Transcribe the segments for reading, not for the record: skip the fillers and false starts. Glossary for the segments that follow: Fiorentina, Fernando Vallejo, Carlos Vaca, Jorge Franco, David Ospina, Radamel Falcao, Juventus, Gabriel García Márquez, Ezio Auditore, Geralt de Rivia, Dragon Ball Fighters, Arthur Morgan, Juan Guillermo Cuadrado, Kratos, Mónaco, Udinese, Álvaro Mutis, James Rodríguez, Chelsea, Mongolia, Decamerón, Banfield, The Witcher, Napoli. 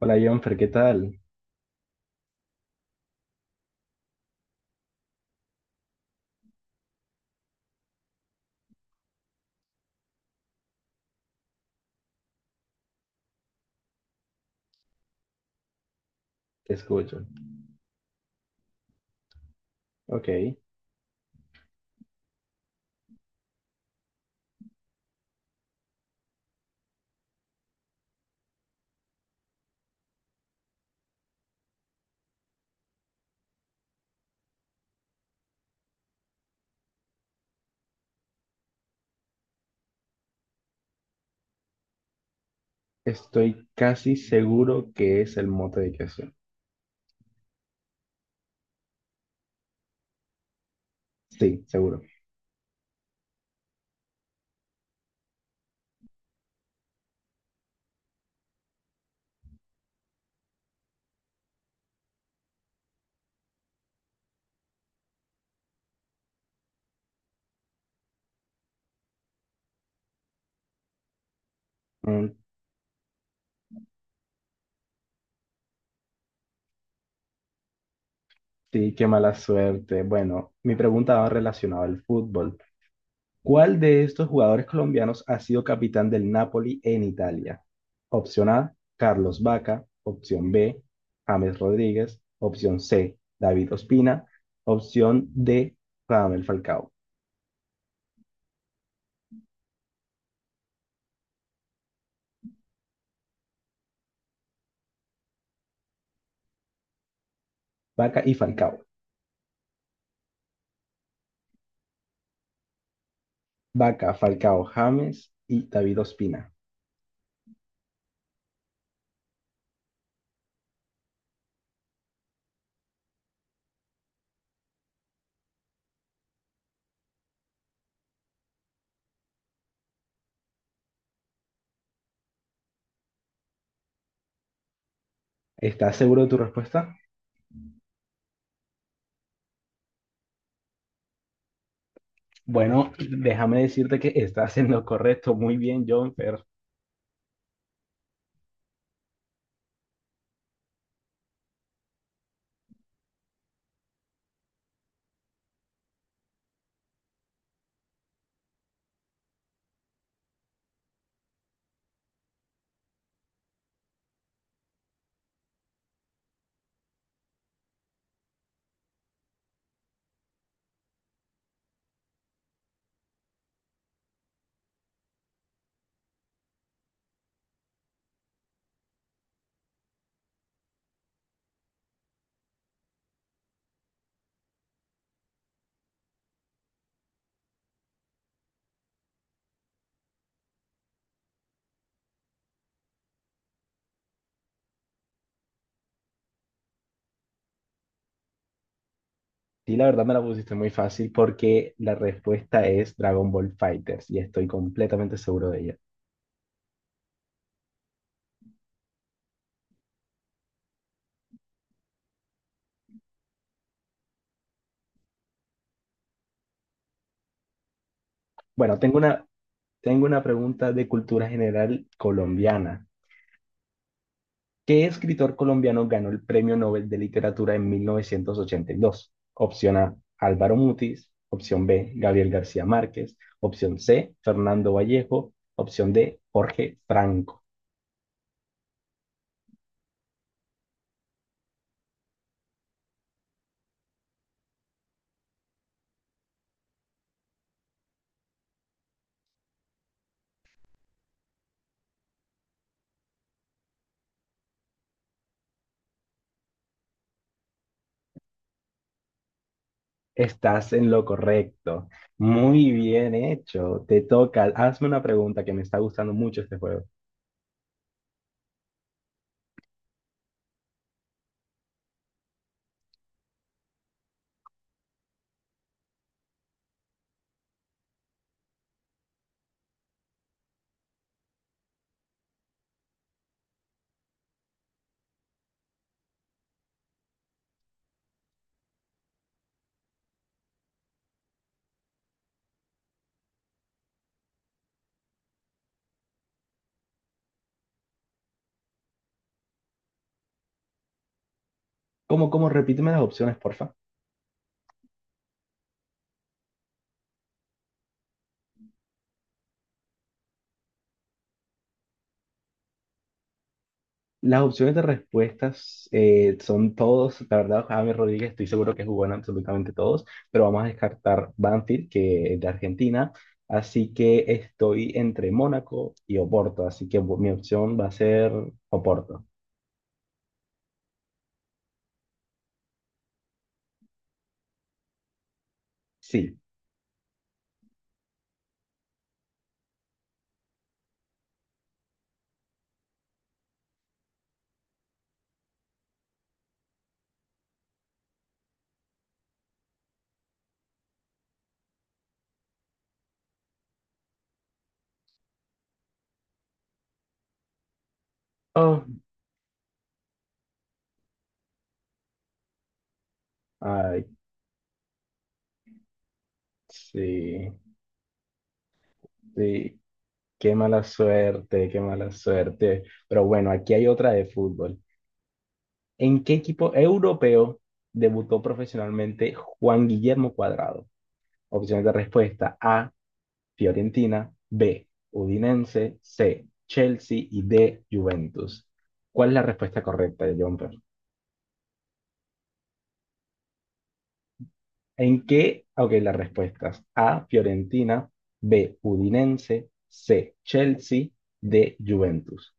Hola, Jonfer, ¿qué tal? Te escucho. Ok. Estoy casi seguro que es el mote de queso. Sí, seguro. Mm, sí, qué mala suerte. Bueno, mi pregunta va relacionada al fútbol. ¿Cuál de estos jugadores colombianos ha sido capitán del Napoli en Italia? Opción A, Carlos Vaca. Opción B, James Rodríguez. Opción C, David Ospina. Opción D, Radamel Falcao. Vaca y Falcao. Vaca, Falcao, James y David Ospina. ¿Estás seguro de tu respuesta? Bueno, déjame decirte que estás en lo correcto. Muy bien, John, pero sí, la verdad me la pusiste muy fácil porque la respuesta es Dragon Ball Fighters y estoy completamente seguro de ella. Bueno, tengo una pregunta de cultura general colombiana. ¿Qué escritor colombiano ganó el Premio Nobel de Literatura en 1982? Opción A, Álvaro Mutis. Opción B, Gabriel García Márquez. Opción C, Fernando Vallejo. Opción D, Jorge Franco. Estás en lo correcto. Muy bien hecho. Te toca. Hazme una pregunta que me está gustando mucho este juego. ¿Cómo, cómo? Repíteme las opciones, porfa. Las opciones de respuestas son todos, la verdad, James Rodríguez, estoy seguro que jugó en absolutamente todos, pero vamos a descartar Banfield, que es de Argentina. Así que estoy entre Mónaco y Oporto, así que mi opción va a ser Oporto. Sí. Oh, ay, sí. Sí, qué mala suerte, qué mala suerte. Pero bueno, aquí hay otra de fútbol. ¿En qué equipo europeo debutó profesionalmente Juan Guillermo Cuadrado? Opciones de respuesta: A, Fiorentina; B, Udinese; C, Chelsea y D, Juventus. ¿Cuál es la respuesta correcta, Jumper? ¿En qué? Ok, las respuestas: A, Fiorentina; B, Udinese; C, Chelsea; D, Juventus.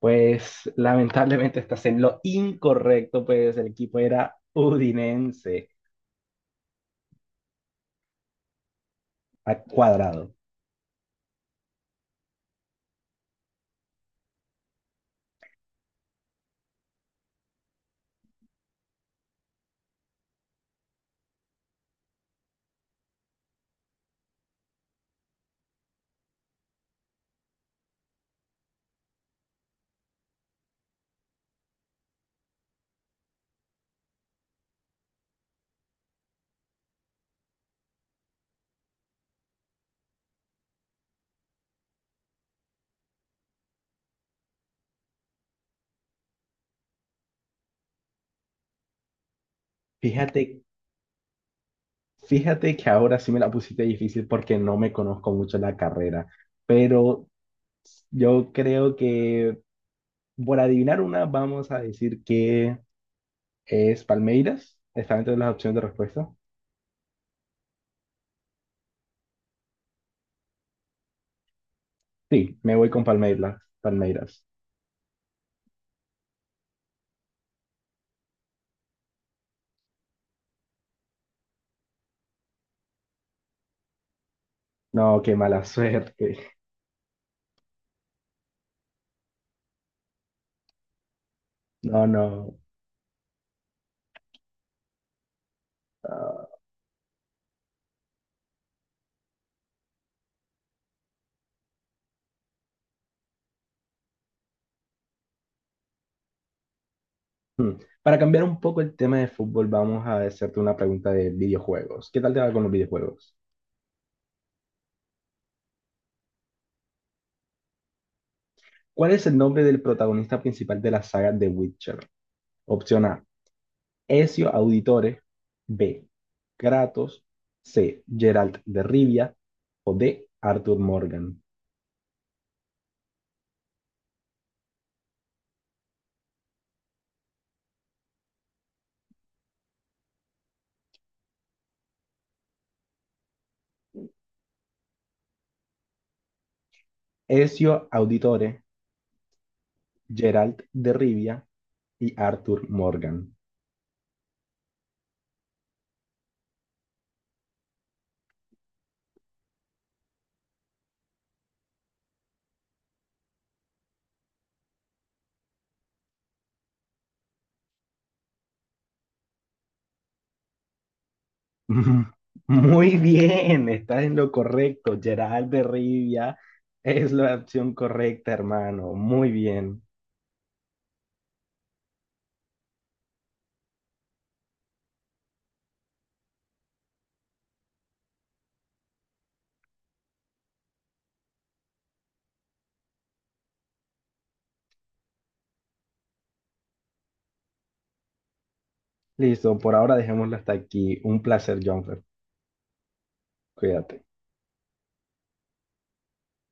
Pues lamentablemente estás en lo incorrecto, pues el equipo era Udinense a cuadrado. Fíjate, fíjate que ahora sí me la pusiste difícil porque no me conozco mucho la carrera, pero yo creo que por adivinar una vamos a decir que es Palmeiras. Está dentro de las opciones de respuesta. Sí, me voy con Palmeiras. Palmeiras. No, qué mala suerte. No, no. No. Hmm. Para cambiar un poco el tema de fútbol, vamos a hacerte una pregunta de videojuegos. ¿Qué tal te va con los videojuegos? ¿Cuál es el nombre del protagonista principal de la saga The Witcher? Opción A, Ezio Auditore. B, Kratos. C, Geralt de Rivia. O D, Arthur Morgan. Ezio Auditore, Geralt de Rivia y Arthur Morgan. Ujú. Muy bien, estás en lo correcto. Gerald de Rivia es la opción correcta, hermano. Muy bien. Listo, por ahora dejémoslo hasta aquí. Un placer, Jonfer. Cuídate.